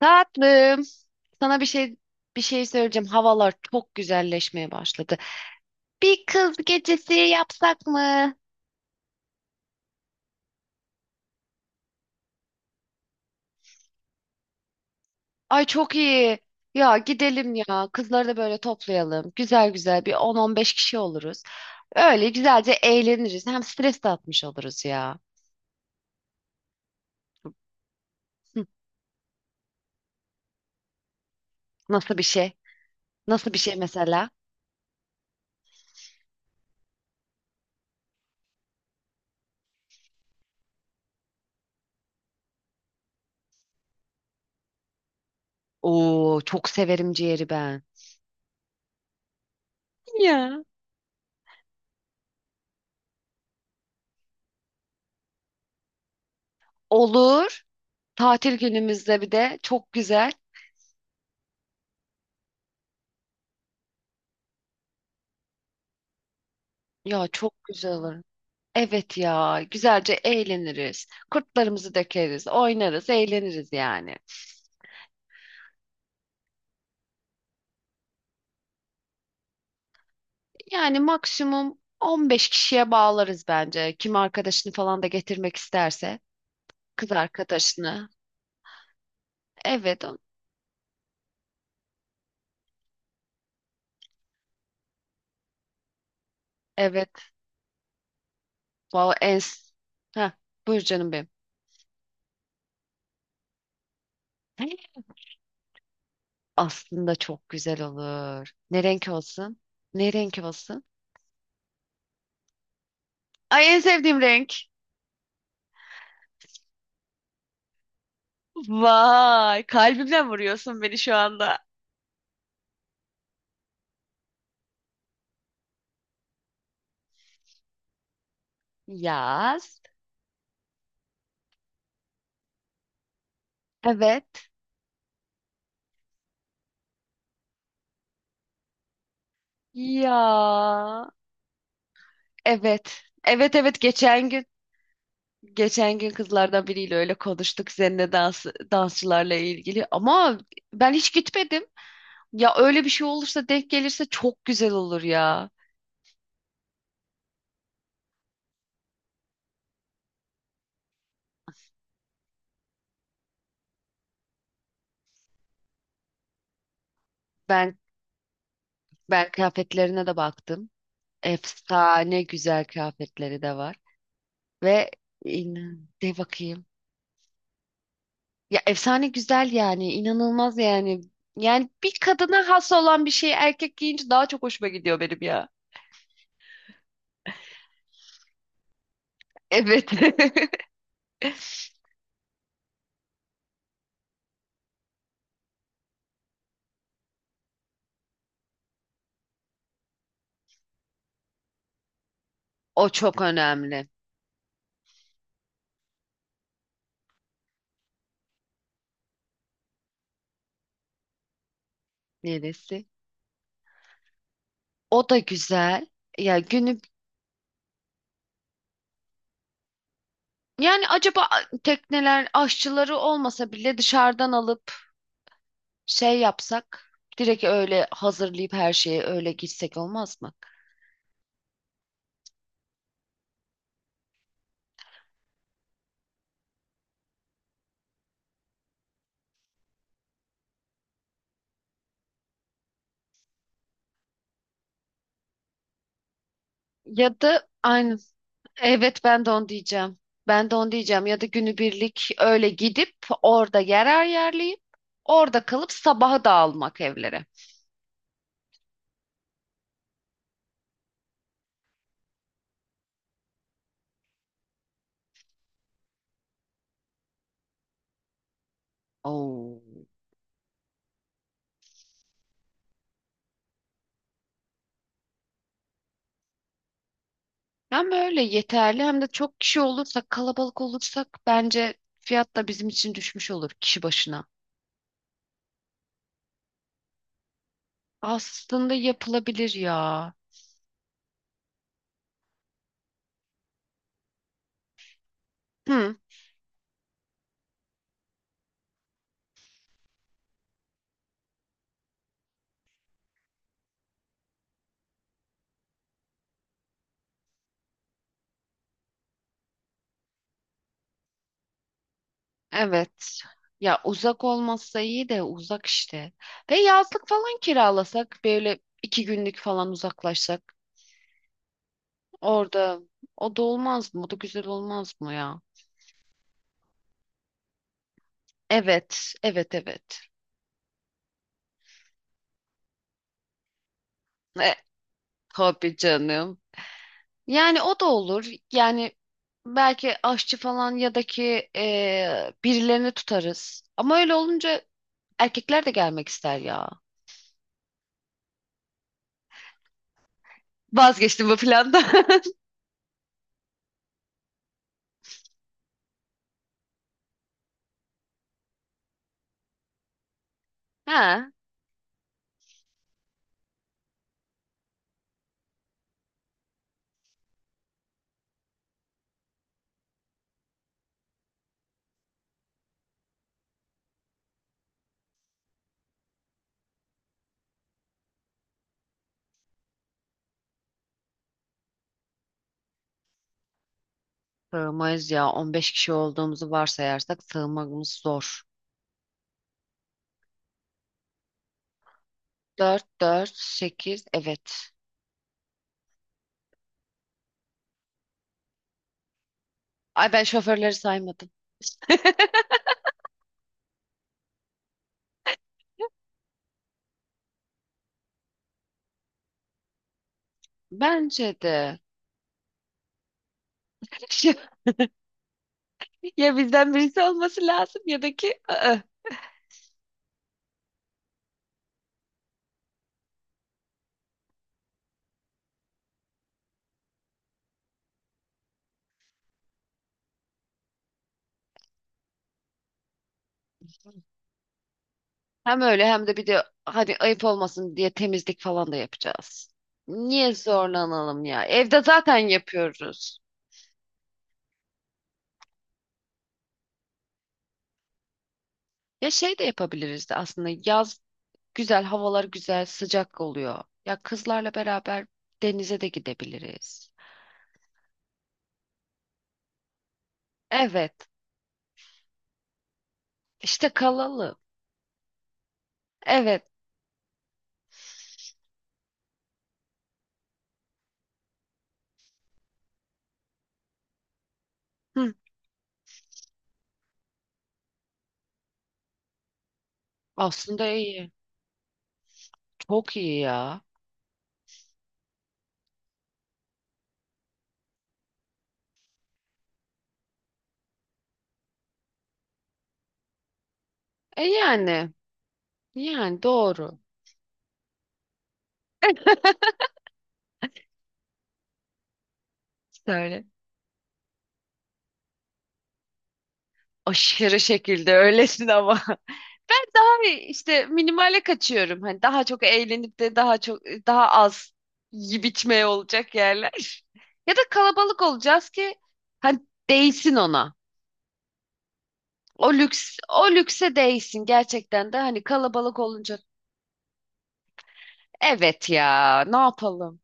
Tatlım, sana bir şey söyleyeceğim. Havalar çok güzelleşmeye başladı. Bir kız gecesi yapsak mı? Ay çok iyi. Ya gidelim ya. Kızları da böyle toplayalım. Güzel güzel bir 10-15 kişi oluruz. Öyle güzelce eğleniriz. Hem stres de atmış oluruz ya. Hı, nasıl bir şey? Nasıl bir şey mesela? Oo, çok severim ciğeri ben. Ya. Olur. Tatil günümüzde bir de çok güzel. Ya çok güzel olur. Evet ya, güzelce eğleniriz. Kurtlarımızı dökeriz, oynarız, eğleniriz yani. Yani maksimum 15 kişiye bağlarız bence. Kim arkadaşını falan da getirmek isterse, kız arkadaşını. Evet, evet. Vallahi en. Ha, buyur canım benim. Aslında çok güzel olur. Ne renk olsun? Ne renk olsun? Ay en sevdiğim renk. Vay, kalbimden vuruyorsun beni şu anda. Yaz. Evet. Ya. Evet. Evet evet, geçen gün kızlardan biriyle öyle konuştuk seninle dansçılarla ilgili ama ben hiç gitmedim. Ya öyle bir şey olursa denk gelirse çok güzel olur ya. Ben ben kıyafetlerine de baktım. Efsane güzel kıyafetleri de var ve inan de bakayım. Ya efsane güzel yani inanılmaz yani. Yani bir kadına has olan bir şeyi erkek giyince daha çok hoşuma gidiyor benim ya. Evet. O çok önemli. Neresi? O da güzel. Ya günü yani acaba tekneler aşçıları olmasa bile dışarıdan alıp şey yapsak direkt öyle hazırlayıp her şeye öyle gitsek olmaz mı? Ya da aynı, evet, ben de onu diyeceğim. Ben de onu diyeceğim ya da günübirlik öyle gidip orada yer ayarlayıp orada kalıp sabaha dağılmak evlere. Oo. Hem böyle yeterli hem de çok kişi olursak, kalabalık olursak bence fiyat da bizim için düşmüş olur kişi başına. Aslında yapılabilir ya. Hı, evet. Ya uzak olmazsa iyi de uzak işte. Ve yazlık falan kiralasak böyle iki günlük falan uzaklaşsak orada o da olmaz mı? O da güzel olmaz mı ya? Evet, evet, evet. E, tabii canım. Yani o da olur. Yani belki aşçı falan ya da ki birilerini tutarız. Ama öyle olunca erkekler de gelmek ister ya. Vazgeçtim bu plandan. Ha, sığmayız ya. 15 kişi olduğumuzu varsayarsak sığmamız zor. 4 4 sekiz, evet. Ay ben şoförleri saymadım. Bence de. Ya bizden birisi olması lazım ya da ki ı-ı. Hem öyle hem de bir de hadi ayıp olmasın diye temizlik falan da yapacağız. Niye zorlanalım ya? Evde zaten yapıyoruz. Ya şey de yapabiliriz de aslında yaz güzel, havalar güzel, sıcak oluyor. Ya kızlarla beraber denize de gidebiliriz. Evet, işte kalalım. Evet. Hı, aslında iyi. Çok iyi ya. E yani, yani doğru. Söyle. Aşırı şekilde öylesin ama. Ben daha işte minimale kaçıyorum. Hani daha çok eğlenip de daha az yiyip içmeye olacak yerler. Ya da kalabalık olacağız ki hani değsin ona. O lükse değsin gerçekten de hani kalabalık olunca evet ya, ne yapalım?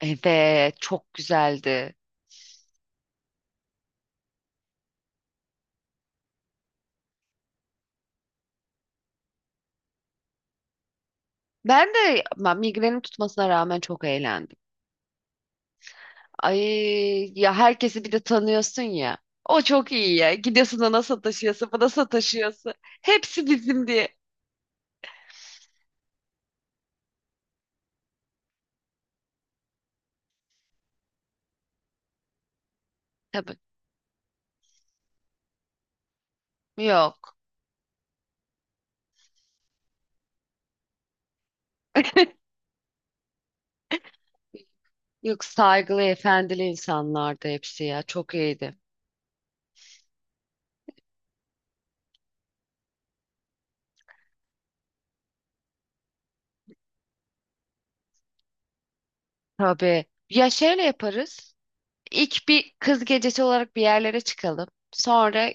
Evet, çok güzeldi. Ben migrenim tutmasına rağmen çok eğlendim. Ay ya, herkesi bir de tanıyorsun ya. O çok iyi ya. Gidiyorsun ona sataşıyorsun, buna sataşıyorsun. Hepsi bizim diye. Tabii. Yok. Yok, saygılı, efendili insanlardı hepsi ya. Çok iyiydi. Tabii. Ya şöyle yaparız. İlk bir kız gecesi olarak bir yerlere çıkalım. Sonra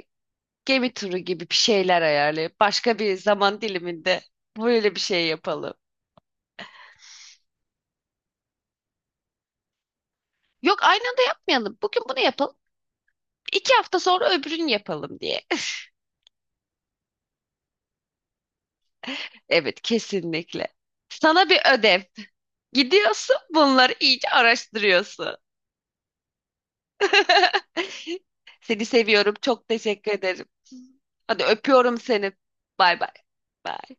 gemi turu gibi bir şeyler ayarlayıp başka bir zaman diliminde böyle bir şey yapalım. Yok, aynı anda yapmayalım. Bugün bunu yapalım. İki hafta sonra öbürünü yapalım diye. Evet, kesinlikle. Sana bir ödev. Gidiyorsun, bunları iyice araştırıyorsun. Seni seviyorum. Çok teşekkür ederim. Hadi öpüyorum seni. Bay bay. Bay.